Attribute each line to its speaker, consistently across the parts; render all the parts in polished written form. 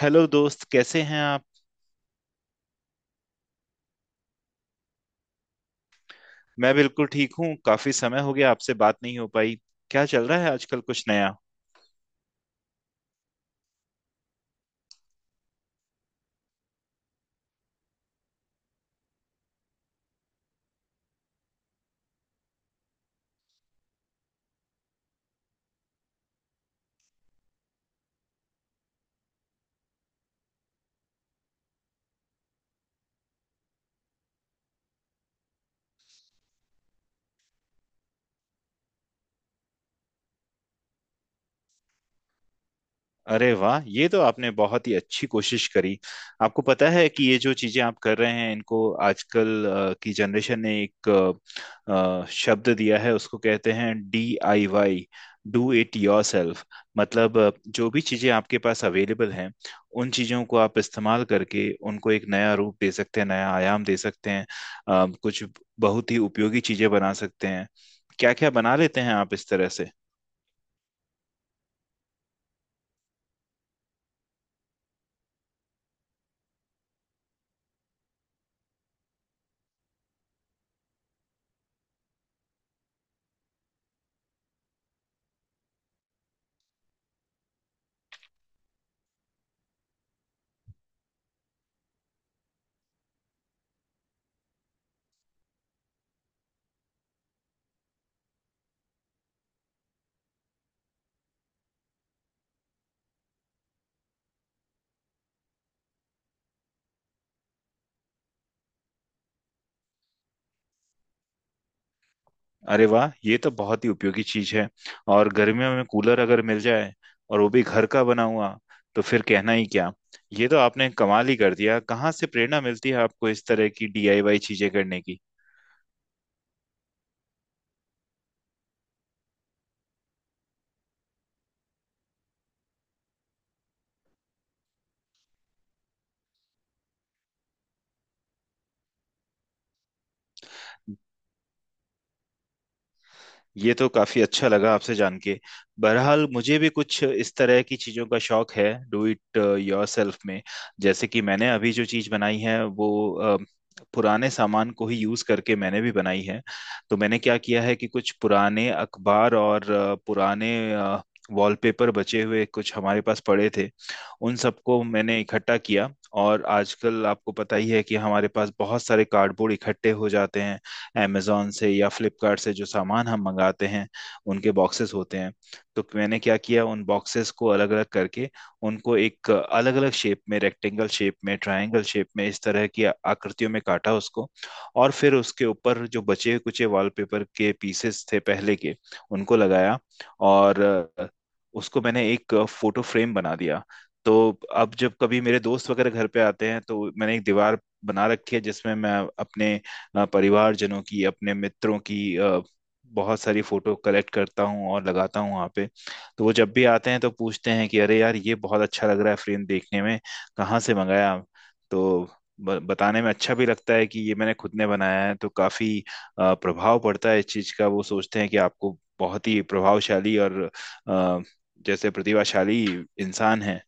Speaker 1: Hello दोस्त, कैसे हैं आप? मैं बिल्कुल ठीक हूँ। काफी समय हो गया, आपसे बात नहीं हो पाई। क्या चल रहा है आजकल, कुछ नया? अरे वाह, ये तो आपने बहुत ही अच्छी कोशिश करी। आपको पता है कि ये जो चीजें आप कर रहे हैं इनको आजकल की जनरेशन ने एक शब्द दिया है, उसको कहते हैं DIY। Do it your self. मतलब जो भी चीजें आपके पास अवेलेबल हैं, उन चीजों को आप इस्तेमाल करके उनको एक नया रूप दे सकते हैं, नया आयाम दे सकते हैं। कुछ बहुत ही उपयोगी चीजें बना सकते हैं। क्या क्या बना लेते हैं आप इस तरह से? अरे वाह, ये तो बहुत ही उपयोगी चीज है। और गर्मियों में कूलर अगर मिल जाए, और वो भी घर का बना हुआ, तो फिर कहना ही क्या। ये तो आपने कमाल ही कर दिया। कहाँ से प्रेरणा मिलती है आपको इस तरह की DIY चीजें करने की? ये तो काफी अच्छा लगा आपसे जान के। बहरहाल, मुझे भी कुछ इस तरह की चीजों का शौक है, डू इट योरसेल्फ में। जैसे कि मैंने अभी जो चीज बनाई है, वो पुराने सामान को ही यूज करके मैंने भी बनाई है। तो मैंने क्या किया है कि कुछ पुराने अखबार और पुराने वॉलपेपर बचे हुए कुछ हमारे पास पड़े थे। उन सबको मैंने इकट्ठा किया। और आजकल आपको पता ही है कि हमारे पास बहुत सारे कार्डबोर्ड इकट्ठे हो जाते हैं। अमेजोन से या फ्लिपकार्ट से जो सामान हम मंगाते हैं, उनके बॉक्सेस होते हैं। तो मैंने क्या किया, उन बॉक्सेस को अलग अलग करके उनको एक अलग अलग शेप में, रेक्टेंगल शेप में, ट्रायंगल शेप में, इस तरह की आकृतियों में काटा उसको। और फिर उसके ऊपर जो बचे कुचे वॉलपेपर के पीसेस थे पहले के, उनको लगाया। और अ, उसको मैंने एक फोटो फ्रेम बना दिया। तो अब जब कभी मेरे दोस्त वगैरह घर पे आते हैं, तो मैंने एक दीवार बना रखी है जिसमें मैं अपने परिवारजनों की, अपने मित्रों की बहुत सारी फोटो कलेक्ट करता हूँ और लगाता हूँ वहाँ पे। तो वो जब भी आते हैं तो पूछते हैं कि अरे यार, ये बहुत अच्छा लग रहा है फ्रेम देखने में, कहाँ से मंगाया? तो बताने में अच्छा भी लगता है कि ये मैंने खुद ने बनाया है। तो काफी प्रभाव पड़ता है इस चीज का। वो सोचते हैं कि आपको बहुत ही प्रभावशाली और अ, जैसे प्रतिभाशाली इंसान है।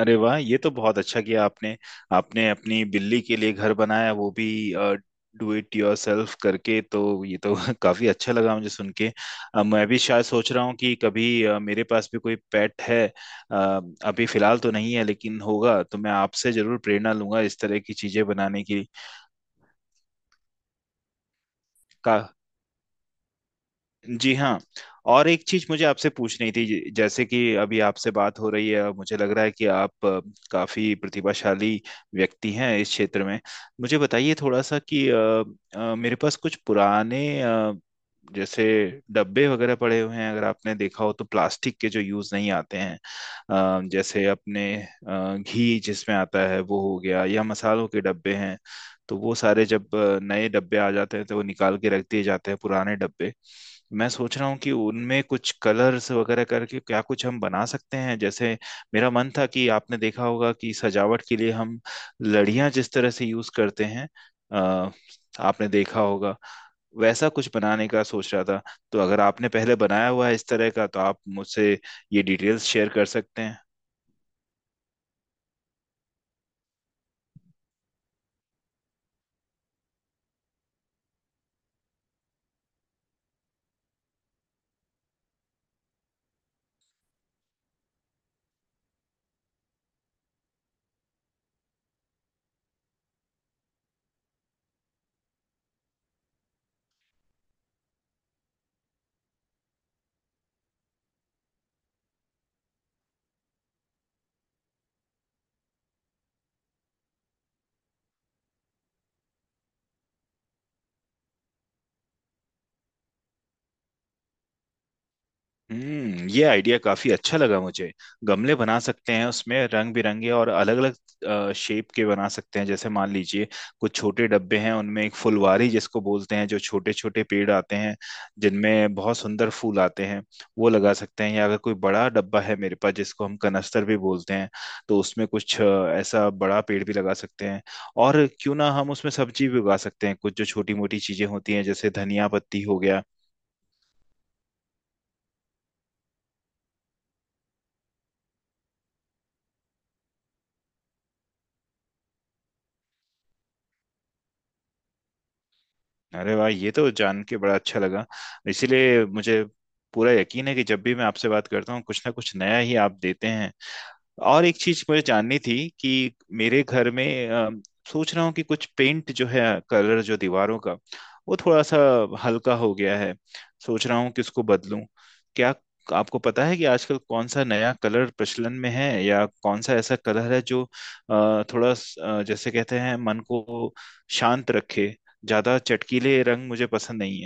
Speaker 1: अरे वाह, ये तो बहुत अच्छा किया आपने। आपने अपनी बिल्ली के लिए घर बनाया, वो भी डू इट योरसेल्फ करके, तो ये तो काफी अच्छा लगा मुझे सुन के। मैं भी शायद सोच रहा हूँ कि कभी मेरे पास भी कोई पेट है। अ, अभी फिलहाल तो नहीं है, लेकिन होगा तो मैं आपसे जरूर प्रेरणा लूंगा इस तरह की चीजें बनाने की। का। जी हाँ। और एक चीज मुझे आपसे पूछनी थी, जैसे कि अभी आपसे बात हो रही है, मुझे लग रहा है कि आप काफी प्रतिभाशाली व्यक्ति हैं इस क्षेत्र में। मुझे बताइए थोड़ा सा कि मेरे पास कुछ पुराने जैसे डब्बे वगैरह पड़े हुए हैं, अगर आपने देखा हो तो, प्लास्टिक के जो यूज नहीं आते हैं। जैसे अपने घी जिसमें आता है वो हो गया, या मसालों के डब्बे हैं। तो वो सारे जब नए डब्बे आ जाते हैं तो वो निकाल के रख दिए जाते हैं पुराने डब्बे। मैं सोच रहा हूँ कि उनमें कुछ कलर्स वगैरह करके क्या कुछ हम बना सकते हैं। जैसे, मेरा मन था कि आपने देखा होगा कि सजावट के लिए हम लड़ियां जिस तरह से यूज करते हैं, अ, आपने देखा होगा, वैसा कुछ बनाने का सोच रहा था। तो अगर आपने पहले बनाया हुआ है इस तरह का, तो आप मुझसे ये डिटेल्स शेयर कर सकते हैं। हम्म, ये आइडिया काफी अच्छा लगा मुझे। गमले बना सकते हैं उसमें, रंग बिरंगे और अलग अलग शेप के बना सकते हैं। जैसे मान लीजिए, कुछ छोटे डब्बे हैं, उनमें एक फुलवारी जिसको बोलते हैं, जो छोटे छोटे पेड़ आते हैं, जिनमें बहुत सुंदर फूल आते हैं, वो लगा सकते हैं। या अगर कोई बड़ा डब्बा है मेरे पास जिसको हम कनस्तर भी बोलते हैं, तो उसमें कुछ ऐसा बड़ा पेड़ भी लगा सकते हैं। और क्यों ना हम उसमें सब्जी भी उगा सकते हैं, कुछ जो छोटी मोटी चीजें होती हैं जैसे धनिया पत्ती हो गया। अरे वाह, ये तो जान के बड़ा अच्छा लगा। इसीलिए मुझे पूरा यकीन है कि जब भी मैं आपसे बात करता हूँ, कुछ ना कुछ नया ही आप देते हैं। और एक चीज मुझे जाननी थी कि मेरे घर में सोच रहा हूँ कि कुछ पेंट जो है, कलर जो दीवारों का, वो थोड़ा सा हल्का हो गया है। सोच रहा हूँ कि उसको बदलूं क्या। आपको पता है कि आजकल कौन सा नया कलर प्रचलन में है, या कौन सा ऐसा कलर है जो थोड़ा जैसे कहते हैं मन को शांत रखे? ज्यादा चटकीले रंग मुझे पसंद नहीं।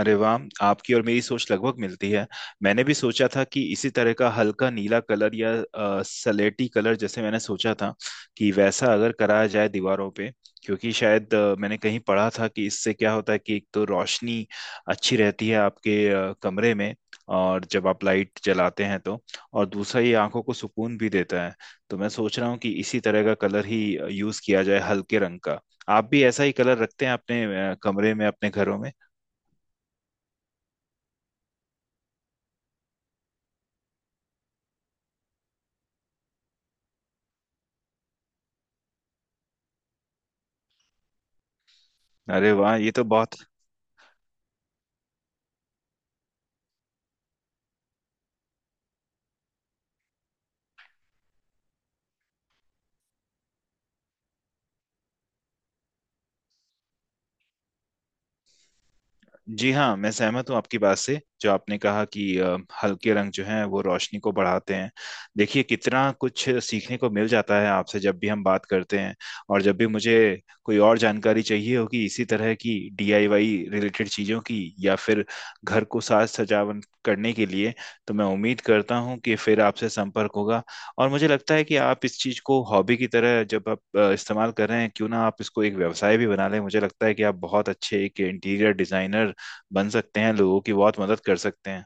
Speaker 1: अरे वाह, आपकी और मेरी सोच लगभग मिलती है। मैंने भी सोचा था कि इसी तरह का हल्का नीला कलर या सलेटी कलर, जैसे मैंने सोचा था कि वैसा अगर कराया जाए दीवारों पे। क्योंकि शायद मैंने कहीं पढ़ा था कि इससे क्या होता है कि एक तो रोशनी अच्छी रहती है आपके कमरे में, और जब आप लाइट जलाते हैं तो, और दूसरा, ये आंखों को सुकून भी देता है। तो मैं सोच रहा हूँ कि इसी तरह का कलर ही यूज किया जाए, हल्के रंग का। आप भी ऐसा ही कलर रखते हैं अपने कमरे में, अपने घरों में? अरे वाह, ये तो बहुत। जी हाँ, मैं सहमत हूँ आपकी बात से, जो आपने कहा कि हल्के रंग जो हैं वो रोशनी को बढ़ाते हैं। देखिए कितना कुछ सीखने को मिल जाता है आपसे जब भी हम बात करते हैं। और जब भी मुझे कोई और जानकारी चाहिए होगी इसी तरह की, DIY रिलेटेड चीज़ों की, या फिर घर को साज सजावट करने के लिए, तो मैं उम्मीद करता हूँ कि फिर आपसे संपर्क होगा। और मुझे लगता है कि आप इस चीज़ को हॉबी की तरह जब आप इस्तेमाल कर रहे हैं, क्यों ना आप इसको एक व्यवसाय भी बना लें। मुझे लगता है कि आप बहुत अच्छे एक इंटीरियर डिजाइनर बन सकते हैं, लोगों की बहुत मदद कर सकते हैं।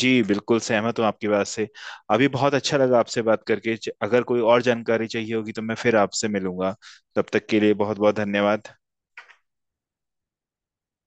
Speaker 1: जी बिल्कुल सहमत हूँ आपकी बात से। अभी बहुत अच्छा लगा आपसे बात करके। अगर कोई और जानकारी चाहिए होगी तो मैं फिर आपसे मिलूंगा। तब तक के लिए बहुत बहुत धन्यवाद।